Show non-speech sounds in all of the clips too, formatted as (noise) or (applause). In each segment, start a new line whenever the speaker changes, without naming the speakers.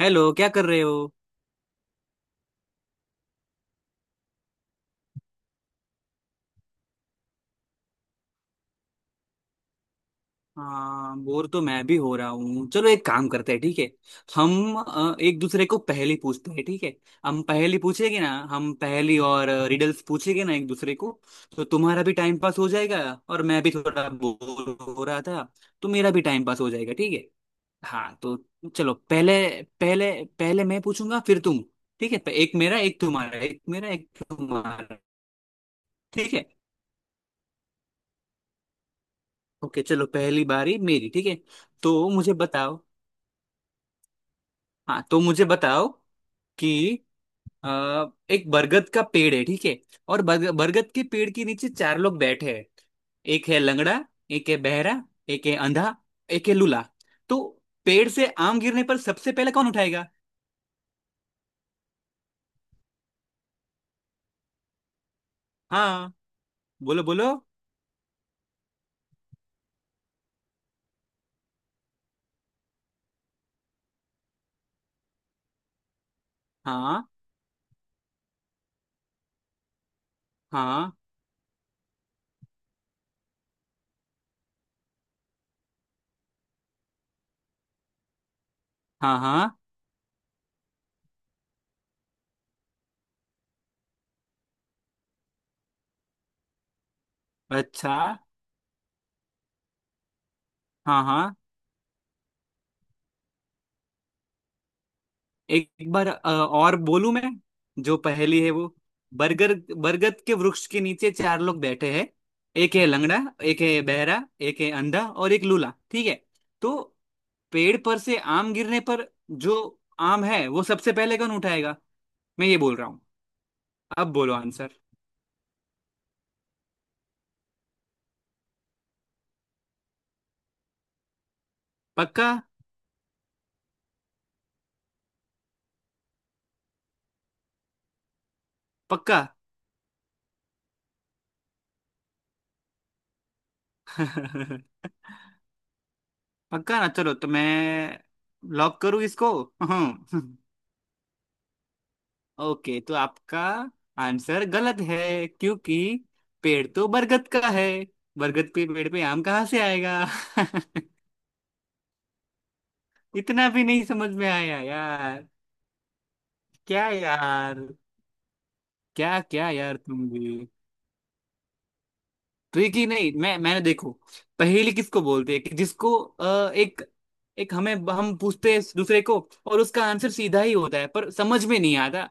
Hello, क्या कर रहे हो। हाँ, बोर तो मैं भी हो रहा हूँ। चलो एक काम करते हैं, ठीक है। हम एक दूसरे को पहेली पूछते हैं, ठीक है। हम पहेली पूछेंगे ना, हम पहेली और रिडल्स पूछेंगे ना एक दूसरे को। तो तुम्हारा भी टाइम पास हो जाएगा और मैं भी थोड़ा बोर हो रहा था, तो मेरा भी टाइम पास हो जाएगा, ठीक है। हाँ तो चलो पहले, पहले पहले मैं पूछूंगा फिर तुम, ठीक है। एक मेरा एक तुम्हारा एक मेरा एक तुम्हारा, ठीक है। ओके चलो, पहली बारी मेरी, ठीक है। तो मुझे बताओ। हाँ तो मुझे बताओ कि अ, एक बरगद का पेड़ है, ठीक है। और बरगद के पेड़ के नीचे चार लोग बैठे हैं। एक है लंगड़ा, एक है बहरा, एक है अंधा, एक है लूला। तो पेड़ से आम गिरने पर सबसे पहले कौन उठाएगा। हाँ बोलो बोलो। हाँ। हाँ। हाँ। हाँ, अच्छा। हाँ हाँ। एक बार और बोलूं मैं। जो पहेली है वो, बरगद बरगद के वृक्ष के नीचे चार लोग बैठे हैं। एक है लंगड़ा, एक है बहरा, एक है अंधा और एक लूला, ठीक है। तो पेड़ पर से आम गिरने पर जो आम है वो सबसे पहले कौन उठाएगा, मैं ये बोल रहा हूँ। अब बोलो आंसर। पक्का। पक्का। (laughs) पक्का ना, चलो तो मैं लॉक करूँ इसको। (laughs) ओके तो आपका आंसर गलत है, क्योंकि पेड़ तो बरगद का है। बरगद पे पेड़ पे आम कहाँ से आएगा। (laughs) इतना भी नहीं समझ में आया यार। क्या यार। क्या क्या यार, तुम भी। ट्रिकी नहीं, मैंने देखो, पहेली किसको बोलते हैं कि जिसको एक, एक हमें हम पूछते हैं दूसरे को और उसका आंसर सीधा ही होता है पर समझ में नहीं आता।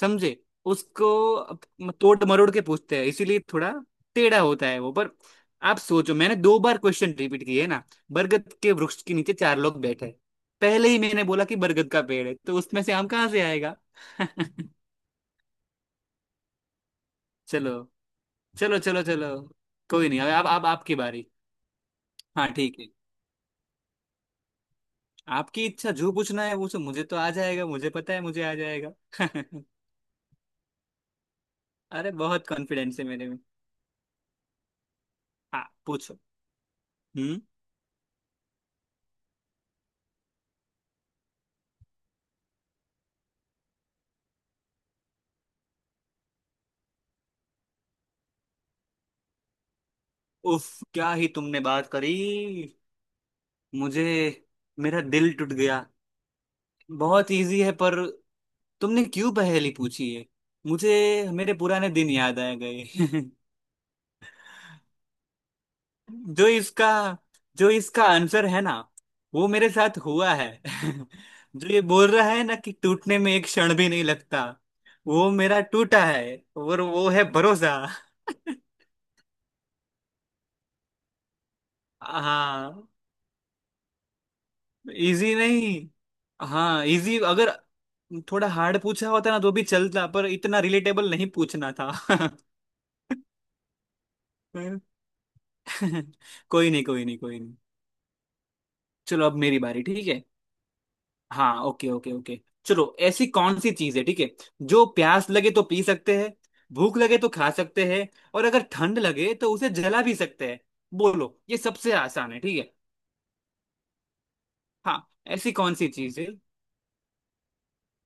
समझे उसको, तोड़ मरोड़ के पूछते हैं, इसीलिए थोड़ा टेढ़ा होता है वो। पर आप सोचो, मैंने दो बार क्वेश्चन रिपीट किए ना। बरगद के वृक्ष के नीचे चार लोग बैठे हैं। पहले ही मैंने बोला कि बरगद का पेड़ है तो उसमें से आम कहाँ से आएगा। (laughs) चलो चलो चलो चलो। कोई नहीं, अब आप आपकी बारी। हाँ ठीक है। आपकी इच्छा, जो पूछना है वो सो, मुझे तो आ जाएगा, मुझे पता है, मुझे आ जाएगा। (laughs) अरे बहुत कॉन्फिडेंस है मेरे में। हाँ पूछो। हम्म। उफ, क्या ही तुमने बात करी। मुझे, मेरा दिल टूट गया। बहुत इजी है, पर तुमने क्यों पहेली पूछी है। मुझे मेरे पुराने दिन याद आ गए। (laughs) जो इसका, जो इसका आंसर है ना, वो मेरे साथ हुआ है। (laughs) जो ये बोल रहा है ना कि टूटने में एक क्षण भी नहीं लगता, वो मेरा टूटा है और वो है भरोसा। (laughs) हाँ। इजी नहीं। हाँ इजी, अगर थोड़ा हार्ड पूछा होता ना तो भी चलता, पर इतना रिलेटेबल नहीं पूछना था। (laughs) कोई नहीं कोई नहीं कोई नहीं। चलो अब मेरी बारी, ठीक है। हाँ ओके ओके ओके। चलो, ऐसी कौन सी चीज है ठीक है, जो प्यास लगे तो पी सकते हैं, भूख लगे तो खा सकते हैं और अगर ठंड लगे तो उसे जला भी सकते हैं। बोलो, ये सबसे आसान है ठीक है। हाँ, ऐसी कौन सी चीज है।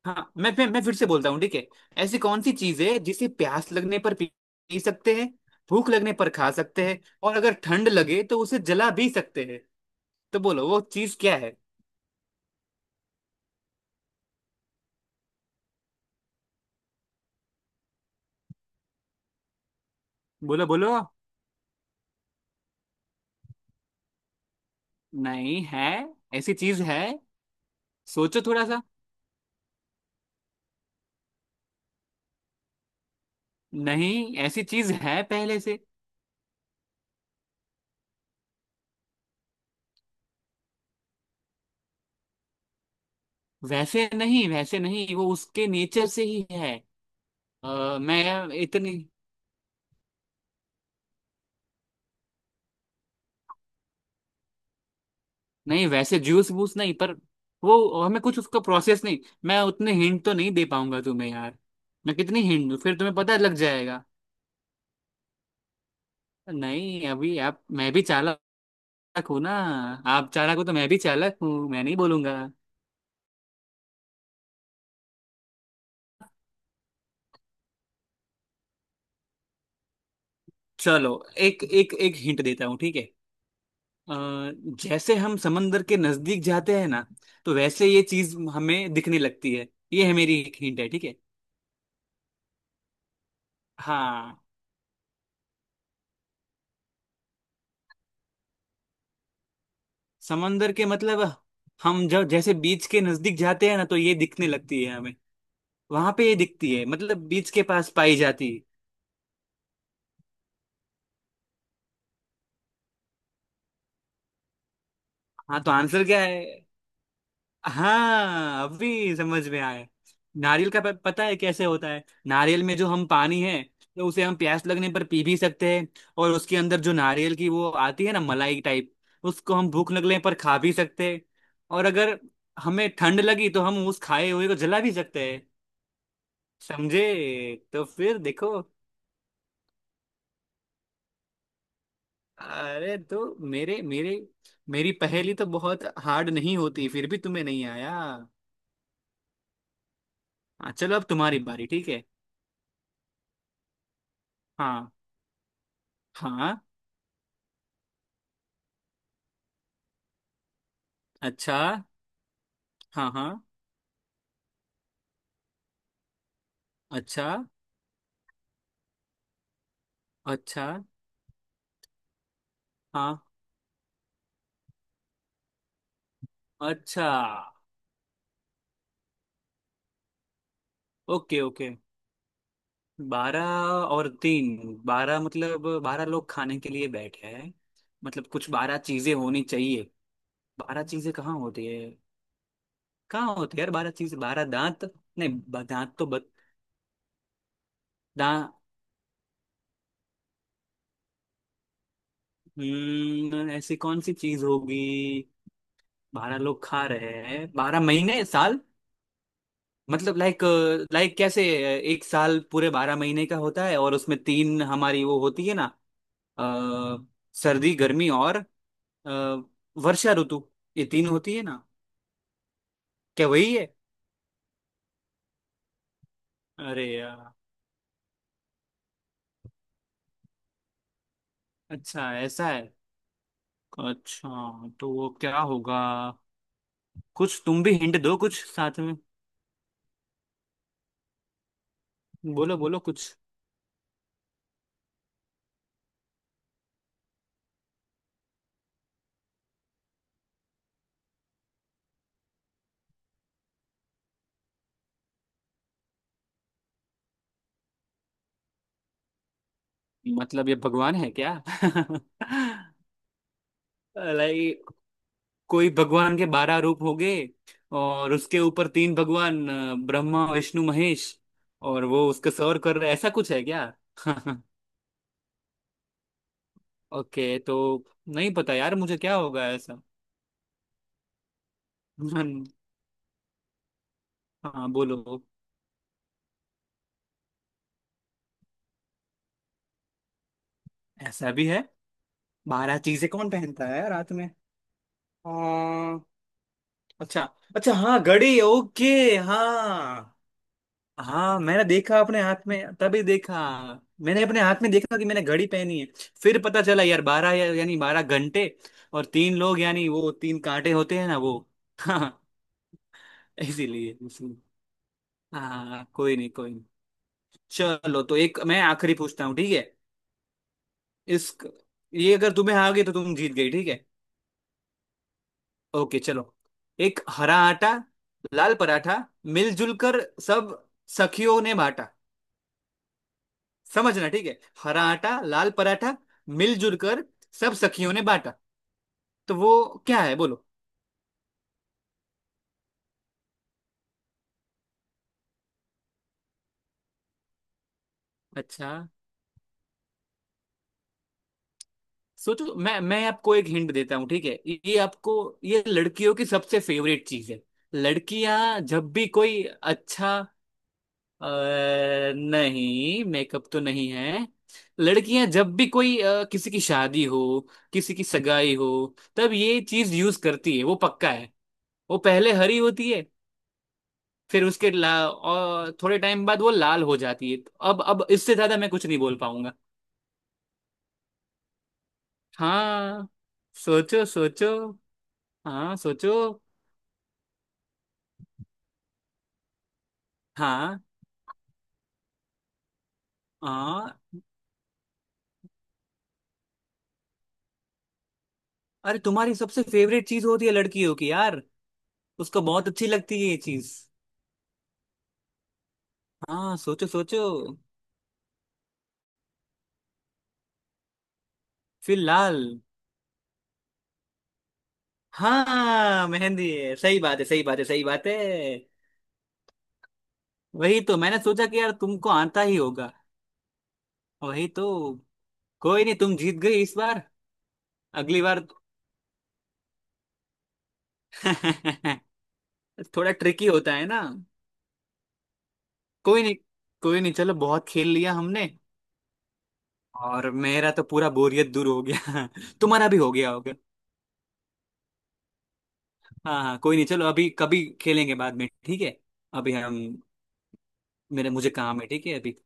हाँ मैं मैं फिर से बोलता हूँ, ठीक है। ऐसी कौन सी चीज है जिसे प्यास लगने पर पी पी सकते हैं, भूख लगने पर खा सकते हैं और अगर ठंड लगे तो उसे जला भी सकते हैं। तो बोलो वो चीज क्या है। बोलो बोलो। नहीं है, ऐसी चीज है। सोचो थोड़ा सा। नहीं, ऐसी चीज है पहले से। वैसे नहीं, वैसे नहीं, वो उसके नेचर से ही है। मैं इतनी, नहीं वैसे जूस वूस नहीं, पर वो हमें कुछ उसका प्रोसेस नहीं। मैं उतने हिंट तो नहीं दे पाऊंगा तुम्हें यार। मैं कितनी हिंट दूं, फिर तुम्हें पता लग जाएगा। नहीं अभी, आप मैं भी चालाक हूं ना, आप चालाक हो तो मैं भी चालाक हूँ, मैं नहीं बोलूंगा। चलो एक एक एक हिंट देता हूँ, ठीक है। अ, जैसे हम समंदर के नजदीक जाते हैं ना, तो वैसे ये चीज हमें दिखने लगती है। ये है, मेरी एक हिंट है, ठीक है। हाँ समंदर के मतलब, हम जब जैसे बीच के नजदीक जाते हैं ना तो ये दिखने लगती है हमें। वहां पे ये दिखती है, मतलब बीच के पास पाई जाती है। हाँ तो आंसर क्या है। हाँ, अभी समझ में आया। नारियल का पता है कैसे होता है, नारियल में जो हम पानी है, तो उसे हम प्यास लगने पर पी भी सकते हैं। और उसके अंदर जो नारियल की वो आती है ना, मलाई टाइप, उसको हम भूख लगने पर खा भी सकते हैं। और अगर हमें ठंड लगी तो हम उस खाए हुए को जला भी सकते हैं। समझे, तो फिर देखो। अरे तो मेरे मेरे मेरी पहेली तो बहुत हार्ड नहीं होती, फिर भी तुम्हें नहीं आया। हाँ चलो, अब तुम्हारी बारी, ठीक है। हाँ हाँ, अच्छा। हाँ हाँ, अच्छा। अच्छा। हाँ, अच्छा। ओके ओके, बारह और तीन, बारह मतलब बारह लोग खाने के लिए बैठे हैं, मतलब कुछ बारह चीजें होनी चाहिए। बारह चीजें कहाँ होती है, कहाँ होती है यार। बारह चीज, बारह दांत। नहीं, दांत तो, बद, हम्म, ऐसी कौन सी चीज होगी। बारह लोग खा रहे हैं, बारह महीने साल, मतलब लाइक, लाइक कैसे, एक साल पूरे बारह महीने का होता है और उसमें तीन हमारी वो होती है ना, अ, सर्दी गर्मी और अ, वर्षा ऋतु, ये तीन होती है ना। क्या वही है। अरे यार, अच्छा ऐसा है। अच्छा, तो वो क्या होगा। कुछ तुम भी हिंट दो कुछ साथ में। बोलो बोलो कुछ। मतलब ये भगवान है क्या। (laughs) लाइक, कोई भगवान के बारह रूप हो गए और उसके ऊपर तीन भगवान, ब्रह्मा विष्णु महेश, और वो उसके सर्व कर रहे, ऐसा कुछ है क्या। (laughs) ओके तो नहीं पता यार मुझे, क्या होगा ऐसा। (laughs) हम्म, हाँ बोलो। ऐसा भी है। बारह चीजें कौन पहनता है रात में। आ, अच्छा, अच्छा हाँ, घड़ी, ओके। हाँ हाँ मैंने देखा, अपने हाथ में तभी देखा। मैंने अपने हाथ में देखा कि मैंने घड़ी पहनी है। फिर पता चला यार बारह यानी बारह घंटे, और तीन लोग यानी वो तीन कांटे होते हैं ना वो। (laughs) हाँ। इसीलिए, इसीलिए। हाँ कोई नहीं कोई नहीं। चलो तो एक मैं आखिरी पूछता हूँ, ठीक है। इस, ये अगर तुम्हें आ गई तो तुम जीत गई, ठीक है। ओके चलो, एक हरा आटा लाल पराठा, मिलजुल कर सब सखियों ने बांटा। समझना, ठीक है। हरा आटा लाल पराठा, मिलजुल कर सब सखियों ने बांटा। तो वो क्या है, बोलो। अच्छा, सोचो, मैं आपको एक हिंट देता हूँ, ठीक है। ये आपको, ये लड़कियों की सबसे फेवरेट चीज है। लड़कियां जब भी कोई, अच्छा, अ, नहीं मेकअप तो नहीं है। लड़कियां जब भी कोई किसी की शादी हो, किसी की सगाई हो, तब ये चीज यूज करती है, वो पक्का है। वो पहले हरी होती है, फिर उसके ला और थोड़े टाइम बाद वो लाल हो जाती है। तो अब इससे ज्यादा मैं कुछ नहीं बोल पाऊंगा। हाँ सोचो सोचो। हाँ सोचो। हाँ। हाँ। अरे, तुम्हारी सबसे फेवरेट चीज होती है लड़कियों की यार, उसको बहुत अच्छी लगती है ये चीज। हाँ सोचो सोचो। फिर लाल। हाँ मेहंदी है, सही बात है, सही बात है, सही बात है। वही तो, मैंने सोचा कि यार तुमको आता ही होगा। वही तो। कोई नहीं, तुम जीत गई इस बार। अगली बार। (laughs) थोड़ा ट्रिकी होता है ना। कोई नहीं, कोई नहीं, चलो बहुत खेल लिया हमने। और मेरा तो पूरा बोरियत दूर हो गया। (laughs) तुम्हारा भी हो गया होगा। हाँ हाँ, कोई नहीं, चलो अभी कभी खेलेंगे बाद में, ठीक है। अभी हम, मेरे मुझे काम है, ठीक है अभी।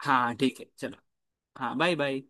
हाँ ठीक है चलो। हाँ बाय बाय।